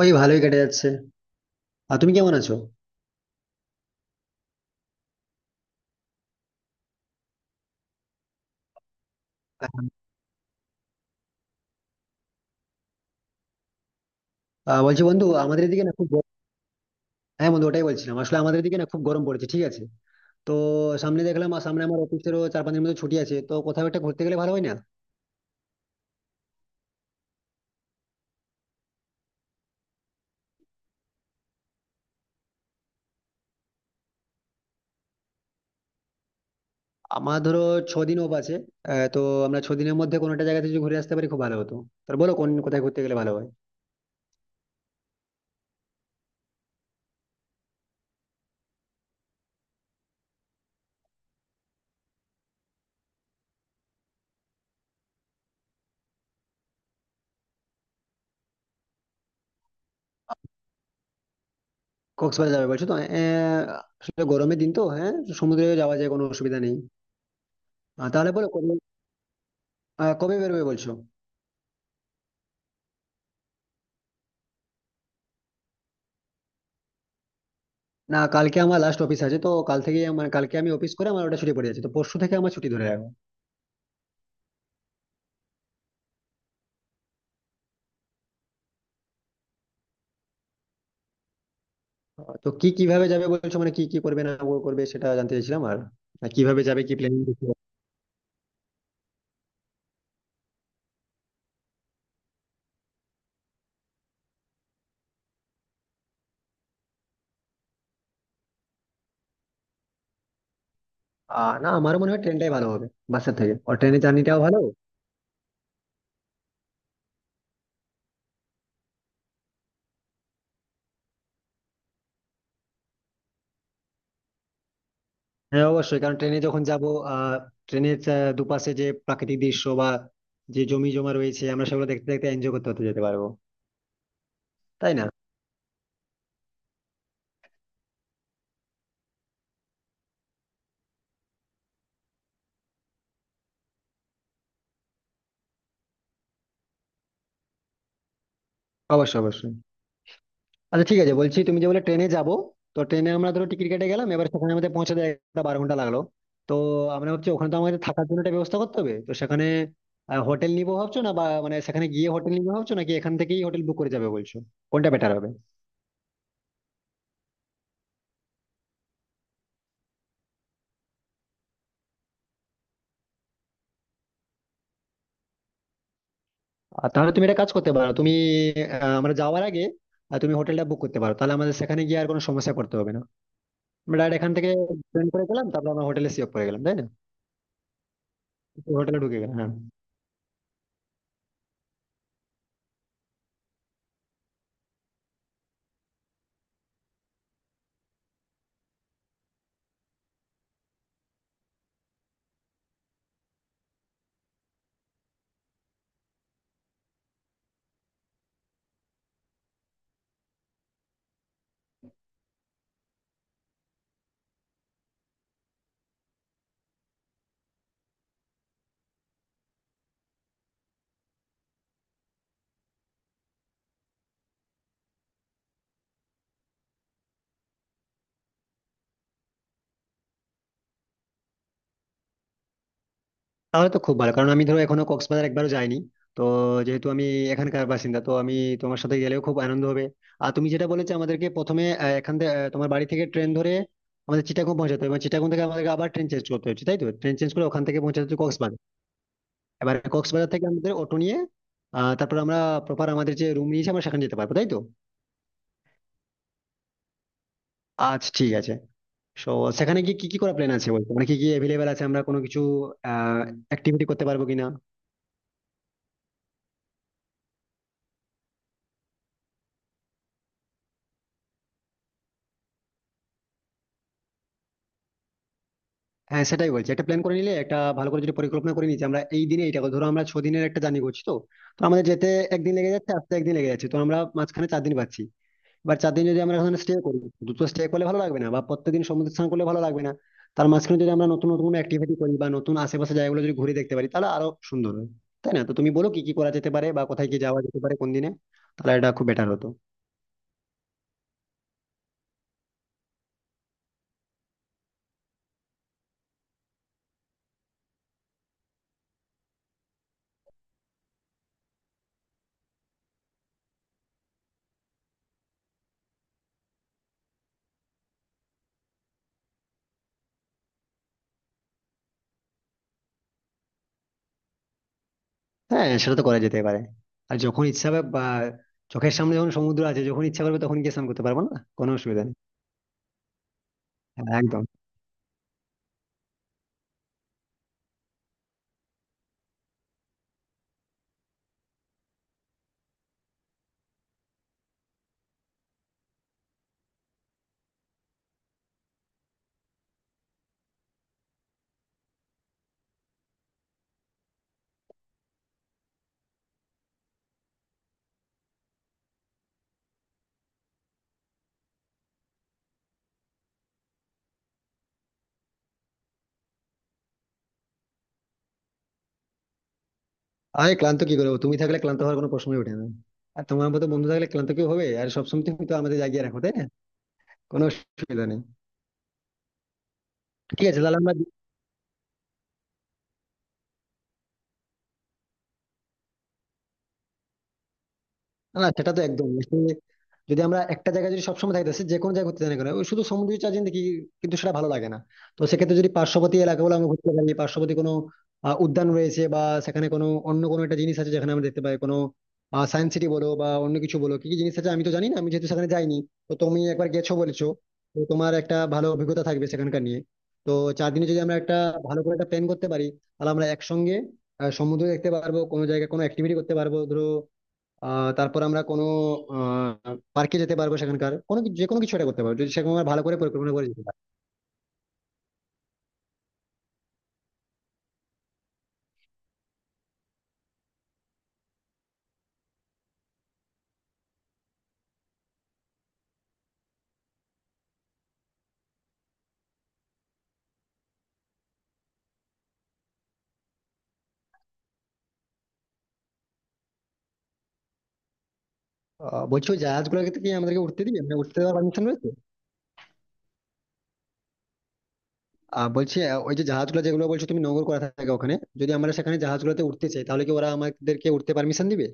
ওই ভালোই কেটে যাচ্ছে। আর তুমি কেমন আছো? বলছি বন্ধু, আমাদের এদিকে না খুব হ্যাঁ বন্ধু, ওটাই বলছিলাম, আসলে আমাদের এদিকে না খুব গরম পড়েছে, ঠিক আছে। তো সামনে দেখলাম, আর সামনে আমার অফিসেরও 4-5 দিনের মতো ছুটি আছে, তো কোথাও একটা ঘুরতে গেলে ভালো হয় না? আমার ধরো 6 দিন অফ আছে। তো আমরা 6 দিনের মধ্যে কোনো একটা জায়গাতে যদি ঘুরে আসতে পারি খুব ভালো হতো। তো বলো কোন কোথায় ঘুরতে গেলে ভালো হয়? কক্সবাজার যাবে বলছো? তো আসলে গরমের দিন তো, হ্যাঁ, সমুদ্রে যাওয়া যায়, কোনো অসুবিধা নেই। তাহলে বলো কবে, কবে বেরোবে বলছো? না কালকে আমার লাস্ট অফিস আছে, তো কাল থেকে আমার কালকে আমি অফিস করে আমার ওটা ছুটি পড়ে যাচ্ছে, তো পরশু থেকে আমার ছুটি ধরে রাখো। তো কি কিভাবে যাবে বলছো, মানে কি কি করবে না করবে সেটা জানতে চাইছিলাম। আর আর কিভাবে যাবে, কি প্ল্যানিং? না, আমার মনে হয় ট্রেনটাই ভালো হবে বাসের থেকে, আর ট্রেনের জার্নিটাও ভালো। হ্যাঁ অবশ্যই, কারণ ট্রেনে যখন যাব আহ ট্রেনের দুপাশে যে প্রাকৃতিক দৃশ্য বা যে জমি জমা রয়েছে, আমরা সেগুলো দেখতে দেখতে এনজয় করতে করতে যেতে পারবো। তাই না? অবশ্যই, অবশ্যই। আচ্ছা ঠিক আছে, বলছি তুমি যে বলে ট্রেনে যাব, তো ট্রেনে আমরা ধরো টিকিট কেটে গেলাম, এবার সেখানে আমাদের পৌঁছাতে একটা 12 ঘন্টা লাগলো। তো আমরা ভাবছি ওখানে তো আমাদের থাকার জন্য একটা ব্যবস্থা করতে হবে, তো সেখানে হোটেল নিবো ভাবছো না, বা মানে সেখানে গিয়ে হোটেল নিবো ভাবছো নাকি এখান থেকেই হোটেল বুক করে যাবে বলছো? কোনটা বেটার হবে? আর তাহলে তুমি একটা কাজ করতে পারো, তুমি আমরা যাওয়ার আগে তুমি হোটেলটা বুক করতে পারো, তাহলে আমাদের সেখানে গিয়ে আর কোনো সমস্যা করতে হবে না। আমরা ডাইরেক্ট এখান থেকে ট্রেন করে গেলাম, তারপর আমরা হোটেলে সিওর করে গেলাম, তাই না? হোটেলে ঢুকে গেলাম, হ্যাঁ। তাহলে তো খুব ভালো, কারণ আমি ধরো এখনো কক্সবাজার একবারও যাইনি। তো যেহেতু আমি এখানকার বাসিন্দা, তো আমি তোমার সাথে গেলেও খুব আনন্দ হবে। আর তুমি যেটা বলেছো আমাদেরকে প্রথমে এখান থেকে তোমার বাড়ি থেকে ট্রেন ধরে আমাদের চিটাগং পৌঁছাতে হবে, মানে চিটাগং থেকে আমাদেরকে আবার ট্রেন চেঞ্জ করতে হচ্ছে তাই তো, ট্রেন চেঞ্জ করে ওখান থেকে পৌঁছাতে হচ্ছে কক্সবাজার। এবার কক্সবাজার থেকে আমাদের অটো নিয়ে তারপর আমরা প্রপার আমাদের যে রুম নিয়েছি আমরা সেখানে যেতে পারবো, তাই তো? আচ্ছা, ঠিক আছে। সো, সেখানে গিয়ে কি কি করা প্ল্যান আছে বলতো, মানে কি কি অ্যাভেলেবেল আছে, আমরা কোনো কিছু আহ অ্যাক্টিভিটি করতে পারবো কিনা? হ্যাঁ সেটাই বলছি, একটা প্ল্যান করে নিলে, একটা ভালো করে যদি পরিকল্পনা করে নিচ্ছি আমরা এই দিনে এইটা করবো। ধরো আমরা 6 দিনের একটা জার্নি করছি, তো তো আমাদের যেতে একদিন লেগে যাচ্ছে, আসতে একদিন লেগে যাচ্ছে, তো আমরা মাঝখানে 4 দিন পাচ্ছি। এবার 4 দিন যদি আমরা ওখানে স্টে করি, দুটো স্টে করলে ভালো লাগবে না, বা প্রত্যেকদিন সমুদ্র স্নান করলে ভালো লাগবে না, তার মাঝখানে যদি আমরা নতুন নতুন অ্যাক্টিভিটি করি বা নতুন আশেপাশে জায়গাগুলো যদি ঘুরে দেখতে পারি তাহলে আরো সুন্দর হয়, তাই না? তো তুমি বলো কি কি করা যেতে পারে বা কোথায় কি যাওয়া যেতে পারে কোন দিনে, তাহলে এটা খুব বেটার হতো। হ্যাঁ সেটা তো করা যেতে পারে, আর যখন ইচ্ছা হবে বা চোখের সামনে যখন সমুদ্র আছে, যখন ইচ্ছা করবে তখন গিয়ে স্নান করতে পারবো না? কোনো অসুবিধা নেই। হ্যাঁ, একদম। আরে ক্লান্ত কি করবো, তুমি থাকলে ক্লান্ত হওয়ার কোনো প্রশ্নই ওঠে না, আর তোমার মতো বন্ধু থাকলে ক্লান্ত কেউ হবে, আর সবসময় তুমি তো আমাদের জাগিয়ে রাখো, তাই না? কোনো অসুবিধা নেই। ঠিক আছে তাহলে আমরা, না না, সেটা তো একদম আসলে যদি আমরা একটা জায়গায় যদি সবসময় থাকতেছি, যে কোনো জায়গায় ঘুরতে যাই না কেন, ওই শুধু সমুদ্রের চারদিন দেখি কিন্তু সেটা ভালো লাগে না। তো সেক্ষেত্রে যদি পার্শ্ববর্তী এলাকাগুলো আমরা ঘুরতে পারি, পার্শ্ববর্তী কোনো উদ্যান রয়েছে বা সেখানে কোনো অন্য কোনো একটা জিনিস আছে যেখানে আমরা দেখতে পাই, কোনো সায়েন্স সিটি বলো বা অন্য কিছু বলো, কি কি জিনিস আছে আমি তো জানি না, আমি যেহেতু সেখানে যাইনি, তো তুমি একবার গেছো বলেছো, তো তোমার একটা ভালো অভিজ্ঞতা থাকবে সেখানকার নিয়ে। তো 4 দিনে যদি আমরা একটা ভালো করে একটা প্ল্যান করতে পারি, তাহলে আমরা একসঙ্গে সমুদ্র দেখতে পারবো, কোনো জায়গায় কোনো অ্যাক্টিভিটি করতে পারবো ধরো, তারপর আমরা কোনো পার্কে যেতে পারবো, সেখানকার কোনো যে কোনো কিছু একটা করতে পারবো যদি সেরকম আমরা ভালো করে পরিকল্পনা করে যেতে পারি। বলছি, ওই জাহাজগুলোকে কি আমাদেরকে উঠতে দিবে, মানে উঠতে দেওয়ার পারমিশন রয়েছে? বলছি ওই যে জাহাজগুলো যেগুলো বলছো তুমি নোঙর করা থাকে ওখানে, যদি আমরা সেখানে জাহাজগুলোতে উঠতে চাই তাহলে কি ওরা আমাদেরকে উঠতে পারমিশন দিবে?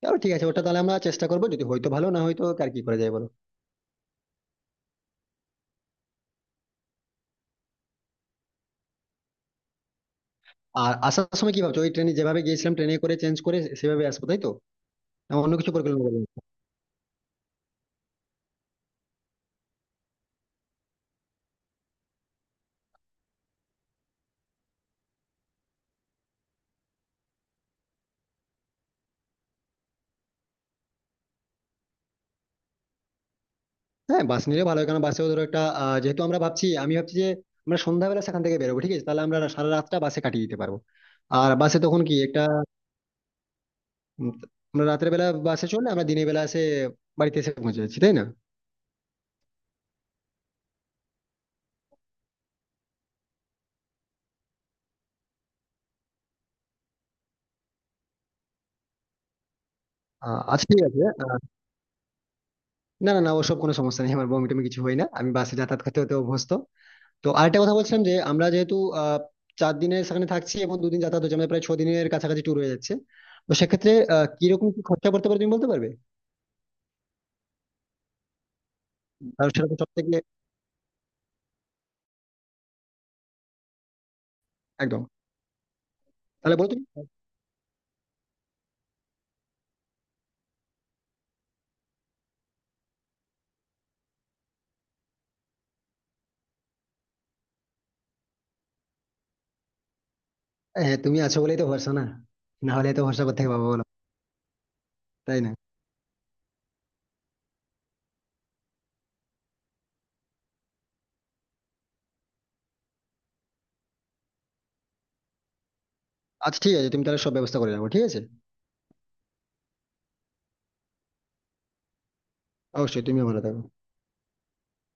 তাহলে ঠিক আছে, ওটা তাহলে আমরা চেষ্টা করবো, যদি হয়তো ভালো না হয়তো আর কি করা যায় বলো। আর আসার সময় কি ভাবছো, ওই ট্রেনে যেভাবে গিয়েছিলাম ট্রেনে করে চেঞ্জ করে সেভাবে আসবো তাই তো, না অন্য কিছু পরিকল্পনা করবো? হ্যাঁ বাস নিলে ভালো হয়, কারণ বাসেও ধরো একটা যেহেতু আমরা ভাবছি, আমি ভাবছি যে আমরা সন্ধ্যাবেলা সেখান থেকে বেরোবো, ঠিক আছে তাহলে আমরা সারা রাতটা বাসে কাটিয়ে দিতে পারবো। আর বাসে তখন কি একটা উম, আমরা রাতের বেলা বাসে চললে আমরা দিনের বেলা এসে বাড়িতে এসে পৌঁছে যাচ্ছি, তাই না? আচ্ছা ঠিক আছে, না না না, ওসব কোনো সমস্যা নেই, আমার বমি টমি কিছু হয় না, আমি বাসে যাতায়াত করতে হতে অভ্যস্ত। তো আরেকটা কথা বলছিলাম যে আমরা যেহেতু আহ 4 দিনের সেখানে থাকছি এবং দুদিন যাতায়াত হচ্ছে, আমাদের প্রায় 6 দিনের কাছাকাছি ট্যুর হয়ে যাচ্ছে। তো সেক্ষেত্রে কিরকম কি খরচা পড়তে পারে তুমি বলতে পারবে? কারণ সেটা তো সব থেকে, একদম। তাহলে বলো তুমি। হ্যাঁ তুমি আছো বলেই তো ভরসা না, না হলে তো ভরসা কোথা থেকে পাবো বলো? তাই না? আচ্ছা ঠিক আছে, তুমি তাহলে সব ব্যবস্থা করে রাখো, ঠিক আছে। অবশ্যই, তুমিও ভালো থাকো।